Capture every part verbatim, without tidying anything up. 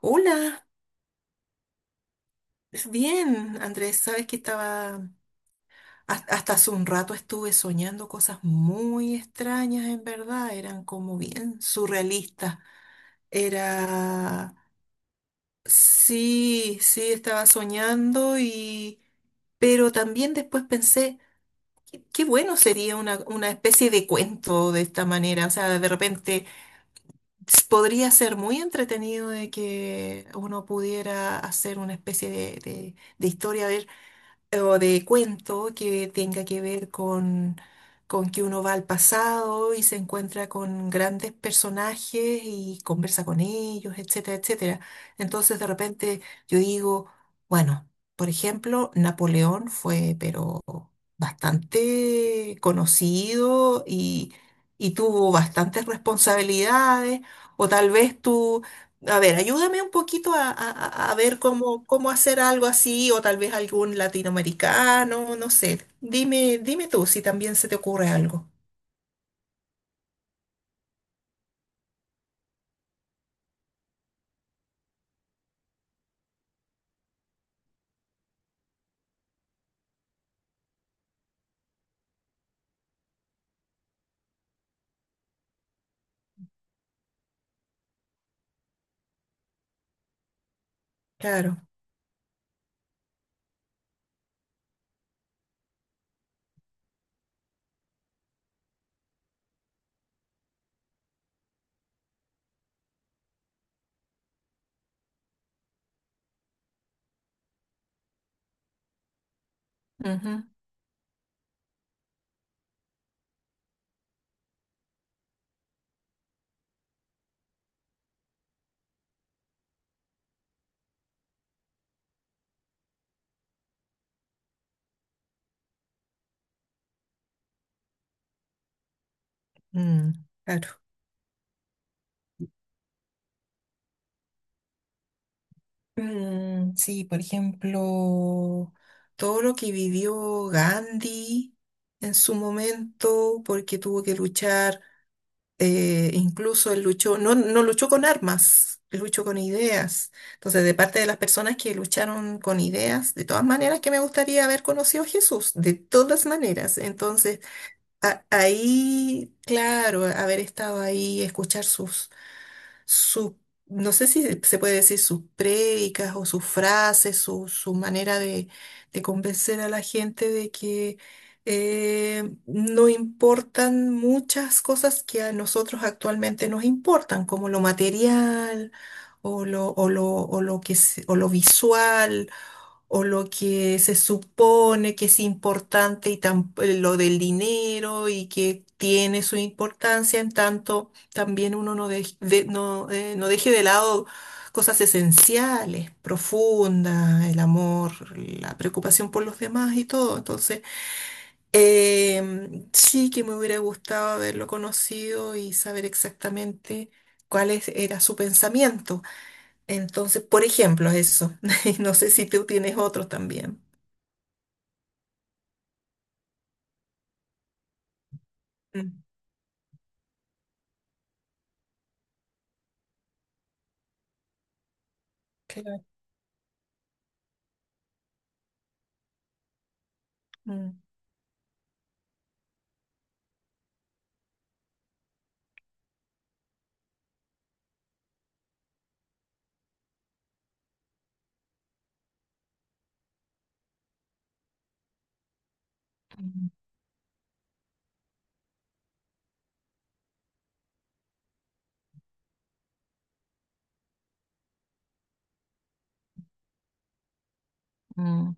Hola, bien, Andrés, sabes que estaba, has- hasta hace un rato estuve soñando cosas muy extrañas, en verdad, eran como bien surrealistas. Era, sí, sí, estaba soñando y, pero también después pensé, qué, qué bueno sería una, una especie de cuento de esta manera, o sea, de repente s- podría ser muy entretenido de que uno pudiera hacer una especie de de- de historia o de cuento que tenga que ver con, con que uno va al pasado y se encuentra con grandes personajes y conversa con ellos, etcétera, etcétera. Entonces de repente yo digo, bueno, por ejemplo, Napoleón fue pero bastante conocido y, y tuvo bastantes responsabilidades, o tal vez tú... A ver, ayúdame un poquito a, a- a- ver cómo, cómo hacer algo así, o tal vez algún latinoamericano, no sé. Dime, dime tú si también se te ocurre algo. Claro. Ujú. Mm, claro. Mm, sí, por ejemplo, todo lo que vivió Gandhi en su momento, porque tuvo que luchar. Eh, incluso él luchó, no, no luchó con armas, él luchó con ideas. Entonces, de parte de las personas que lucharon con ideas, de todas maneras que me gustaría haber conocido a Jesús, de todas maneras. Entonces, a- ahí, claro, haber estado ahí, escuchar sus su, no sé si se puede decir sus prédicas o sus frases, su, su manera de, de convencer a la gente de que eh, no importan muchas cosas que a nosotros actualmente nos importan, como lo material o lo, o lo, o lo que, se- o lo visual o lo que se supone que es importante y tam- lo del dinero y que tiene su importancia, en tanto también uno no, dej- de- no, eh, no deje de lado cosas esenciales, profundas, el amor, la preocupación por los demás y todo. Entonces, em, sí que me hubiera gustado haberlo conocido y saber exactamente cuál es- era su pensamiento. Entonces, por ejemplo, eso. No sé si tú tienes otros también. Mm, claro. mm, Mm,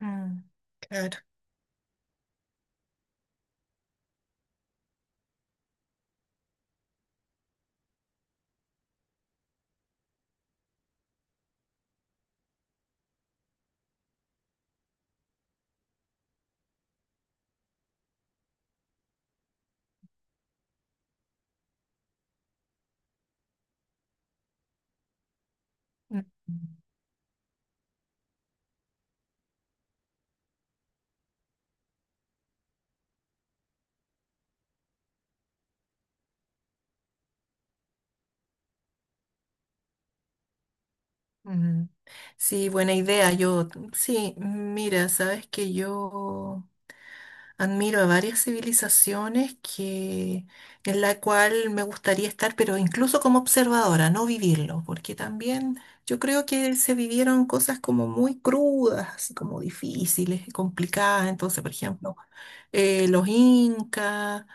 mm, claro. mm, mm. Sí, buena idea. Yo, sí, mira, sabes que yo admiro a varias civilizaciones que, en la cual me gustaría estar, pero incluso como observadora, no vivirlo, porque también yo creo que se vivieron cosas como muy crudas, así como difíciles y complicadas. Entonces, por ejemplo, eh, los incas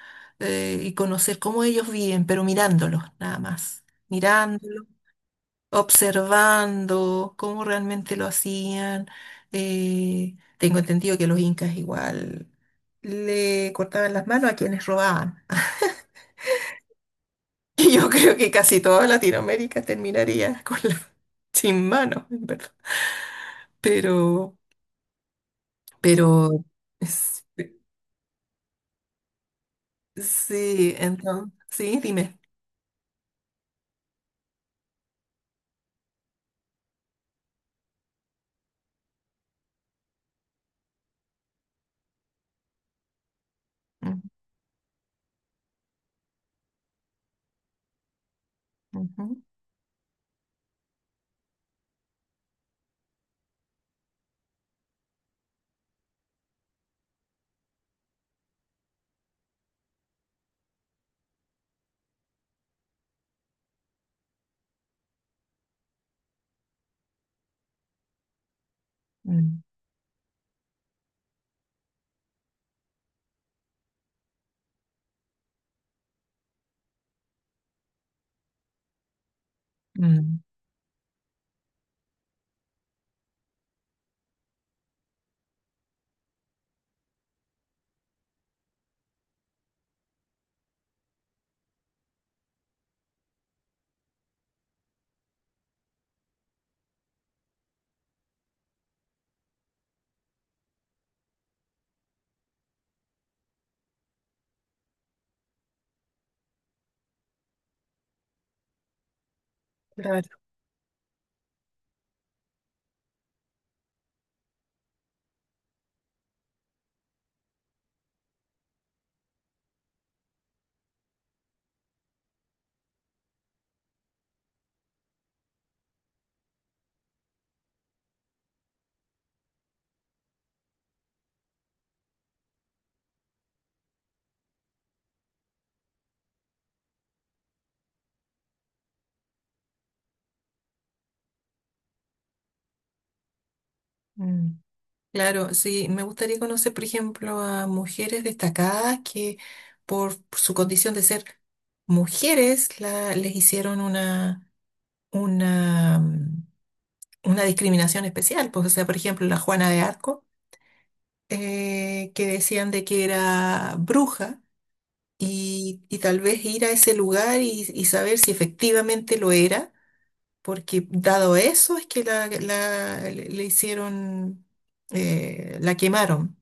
eh, y conocer cómo ellos viven, pero mirándolos nada más, mirándolos, observando cómo realmente lo hacían. Eh, tengo entendido que los incas igual le cortaban las manos a quienes robaban. Y yo creo que casi toda Latinoamérica terminaría con la- sin manos, en verdad. Pero, pero, es- sí, entonces, sí, dime. Ujú, ujú, mm, mm. Claro, mm, claro, sí, me gustaría conocer, por ejemplo, a mujeres destacadas que por su condición de ser mujeres la- les hicieron una, una, mm, una discriminación especial. Pues, o sea, por ejemplo, la Juana de Arco, eh, que decían de que era bruja y, y tal vez ir a ese lugar y, y saber si efectivamente lo era, porque dado eso es que la, la- le le hicieron, eh, la quemaron.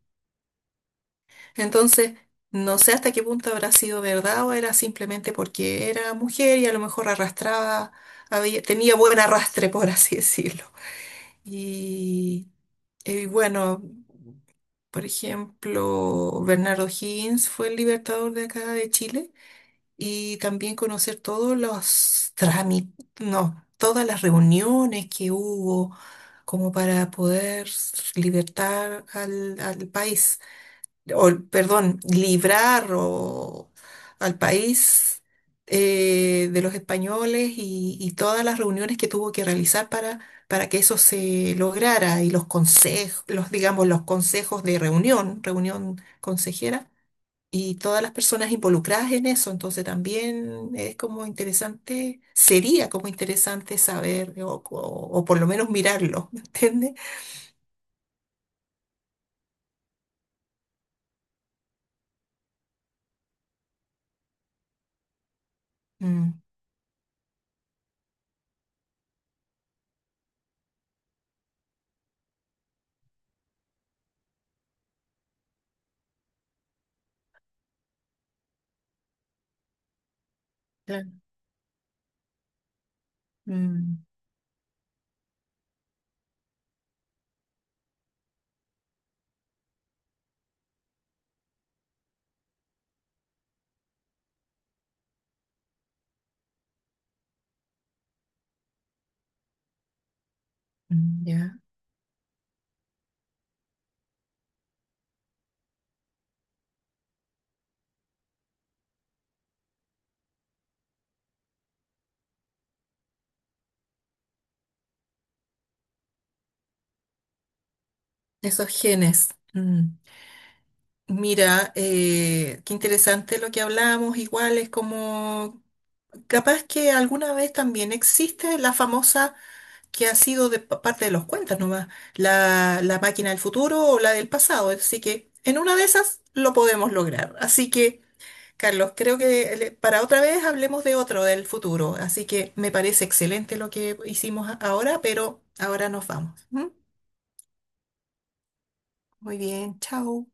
Entonces, no sé hasta qué punto habrá sido verdad o era simplemente porque era mujer y a lo mejor arrastraba, había- tenía buen arrastre, por así decirlo. Y, y bueno, por ejemplo, Bernardo Higgins fue el libertador de acá de Chile y también conocer todos los trámites, no, todas las reuniones que hubo como para poder libertar al al país o, perdón, librar o al país eh, de los españoles y, y todas las reuniones que tuvo que realizar para, para que eso se lograra y los consejos, los, digamos, los consejos de reunión, reunión consejera y todas las personas involucradas en eso. Entonces también es como interesante, sería como interesante saber o, o- o por lo menos mirarlo, ¿me entiendes? Mm, claro. Mm, mm, ya. Esos genes. Mm. Mira, eh, qué interesante lo que hablamos, igual es como, capaz que alguna vez también existe la famosa que ha sido de pa- parte de los cuentas nomás, la, la máquina del futuro o la del pasado, así que en una de esas lo podemos lograr. Así que, Carlos, creo que le- para otra vez hablemos de otro, del futuro, así que me parece excelente lo que hicimos a- ahora, pero ahora nos vamos. ¿M? Muy bien, chao.